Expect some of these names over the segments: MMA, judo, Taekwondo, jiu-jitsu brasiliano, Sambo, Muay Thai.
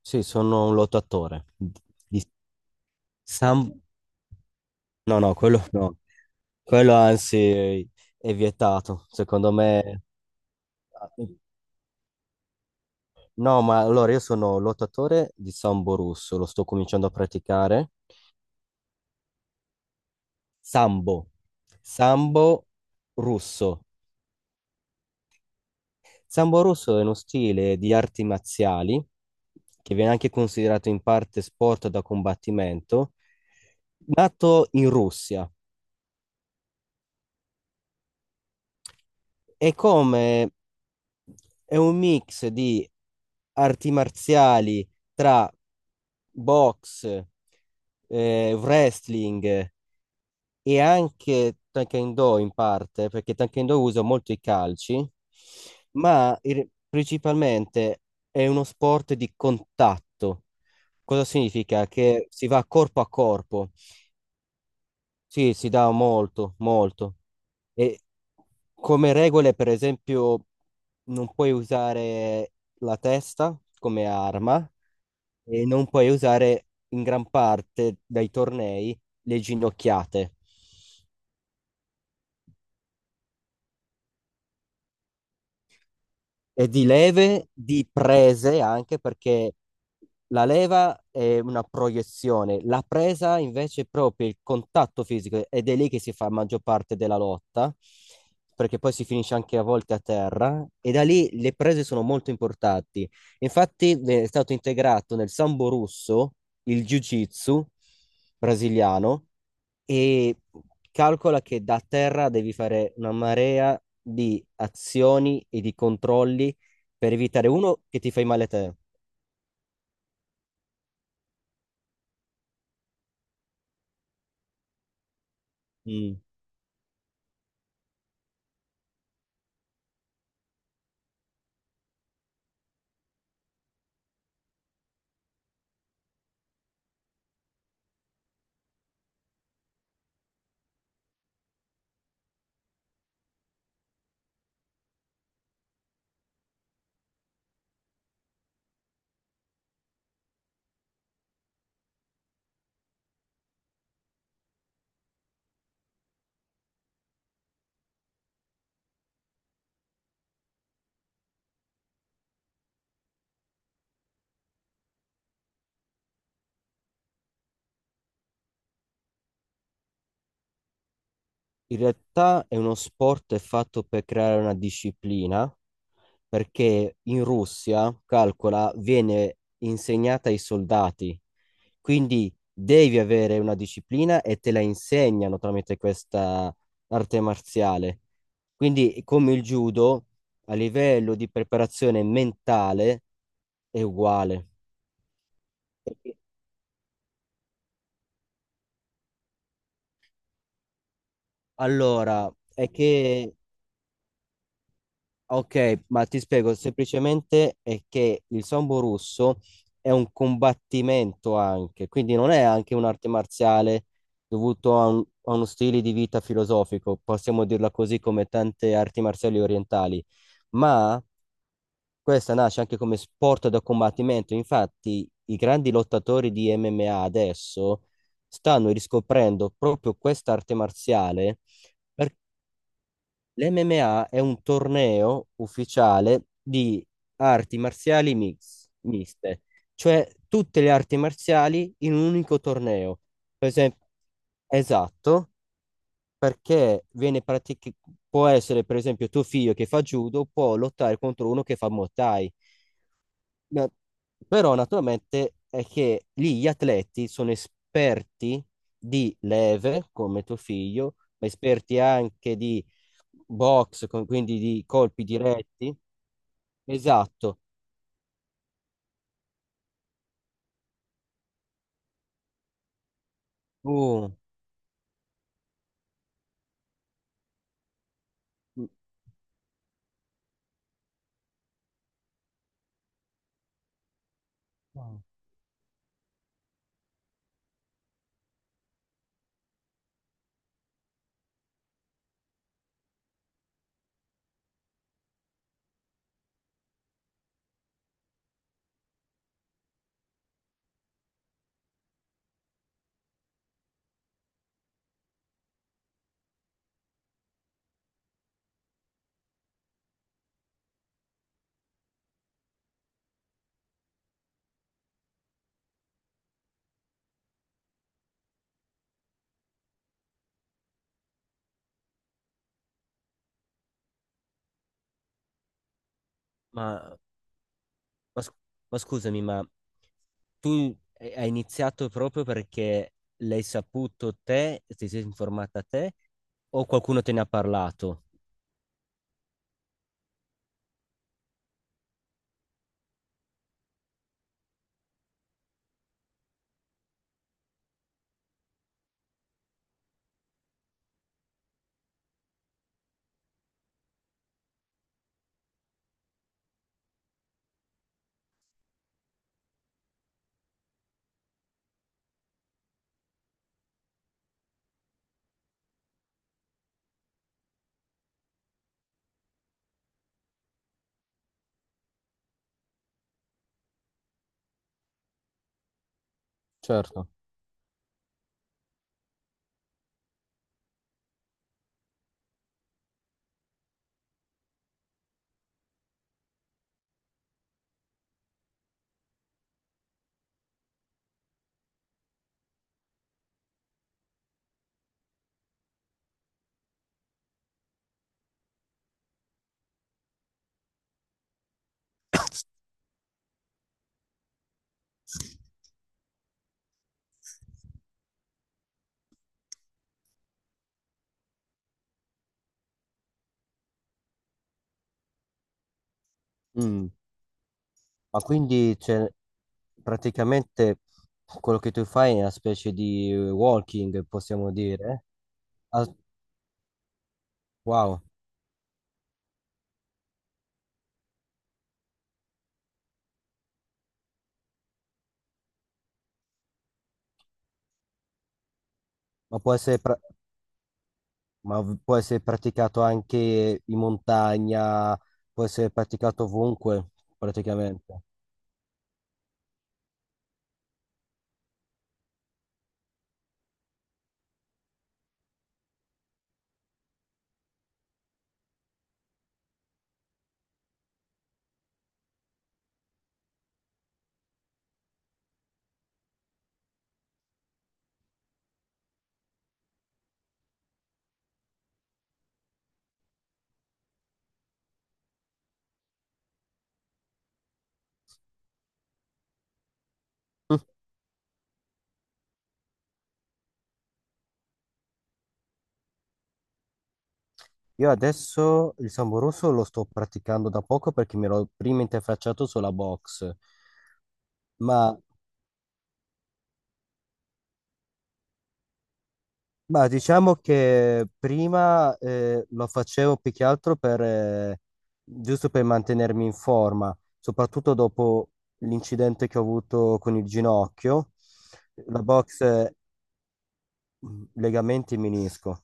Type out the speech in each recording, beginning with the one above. Sì, sono un lottatore. Di Sam... No, no, quello no. Quello anzi è vietato, secondo me. No, ma allora io sono lottatore di sambo russo, lo sto cominciando a praticare. Sambo. Sambo russo. Sambo russo è uno stile di arti marziali che viene anche considerato in parte sport da combattimento, nato in Russia. è come è un mix di arti marziali tra box, wrestling e anche Taekwondo in parte, perché Taekwondo usa molto i calci, principalmente è uno sport di contatto. Cosa significa? Che si va corpo a corpo. Sì, si dà molto, molto. E come regole, per esempio, non puoi usare la testa come arma e non puoi usare in gran parte dai tornei le ginocchiate. E di leve, di prese anche perché la leva è una proiezione, la presa invece è proprio il contatto fisico ed è lì che si fa la maggior parte della lotta, perché poi si finisce anche a volte a terra e da lì le prese sono molto importanti. Infatti è stato integrato nel sambo russo il jiu-jitsu brasiliano e calcola che da terra devi fare una marea di azioni e di controlli per evitare uno che ti fai male te. Mm. In realtà è uno sport fatto per creare una disciplina, perché in Russia, calcola, viene insegnata ai soldati, quindi devi avere una disciplina e te la insegnano tramite questa arte marziale. Quindi, come il judo, a livello di preparazione mentale è uguale. Allora, è che Ok, ma ti spiego semplicemente è che il sambo russo è un combattimento anche, quindi non è anche un'arte marziale dovuto a, a uno stile di vita filosofico, possiamo dirla così come tante arti marziali orientali, ma questa nasce anche come sport da combattimento. Infatti, i grandi lottatori di MMA adesso stanno riscoprendo proprio questa arte marziale. L'MMA è un torneo ufficiale di arti marziali miste, cioè tutte le arti marziali in un unico torneo. Per esempio, esatto, perché viene pratic- può essere, per esempio, tuo figlio che fa judo può lottare contro uno che fa Muay Thai. No. Però naturalmente è che lì gli atleti sono esperti di leve, come tuo figlio, ma esperti anche di box, quindi di colpi diretti. Esatto. Uh, m- ma, ma sc- ma scusami, ma tu hai iniziato proprio perché l'hai saputo te, ti sei informata te, o qualcuno te ne ha parlato? Certo. Mm. Ma quindi cioè, praticamente quello che tu fai è una specie di walking, possiamo dire. Ah, wow, ma può essere, pra- può essere praticato anche in montagna, può essere praticato ovunque, praticamente. Mm. Io adesso il sambo russo lo sto praticando da poco perché mi ero prima interfacciato sulla box, ma Ma diciamo che prima lo facevo più che altro per, giusto per mantenermi in forma, soprattutto dopo l'incidente che ho avuto con il ginocchio, la box, legamenti menisco,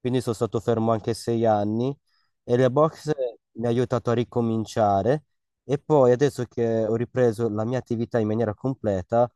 quindi sono stato fermo anche 6 anni e la box mi ha aiutato a ricominciare e poi adesso che ho ripreso la mia attività in maniera completa,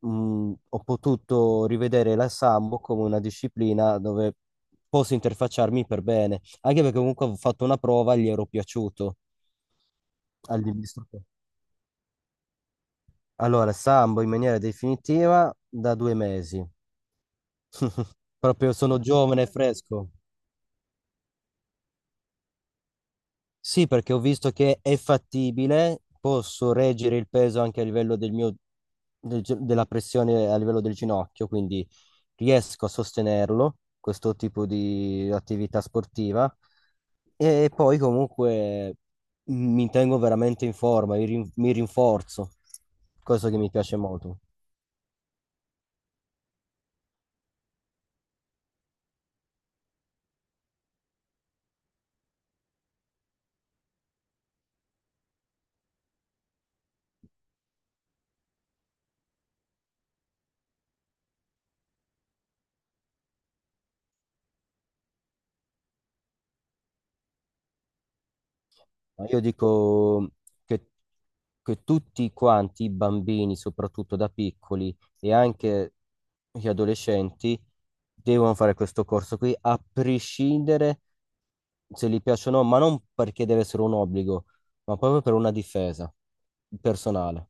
ho potuto rivedere la Sambo come una disciplina dove posso interfacciarmi per bene, anche perché comunque ho fatto una prova e gli ero piaciuto all'istruttore. Allora, Sambo in maniera definitiva da 2 mesi. Proprio sono giovane e fresco. Sì, perché ho visto che è fattibile, posso reggere il peso anche a livello del mio, della pressione a livello del ginocchio, quindi riesco a sostenerlo, questo tipo di attività sportiva. E poi comunque mi tengo veramente in forma, mi rinforzo, cosa che mi piace molto. Ma io dico che, che tutti quanti, i bambini, soprattutto da piccoli e anche gli adolescenti, devono fare questo corso qui, a prescindere se gli piace o no, ma non perché deve essere un obbligo, ma proprio per una difesa personale.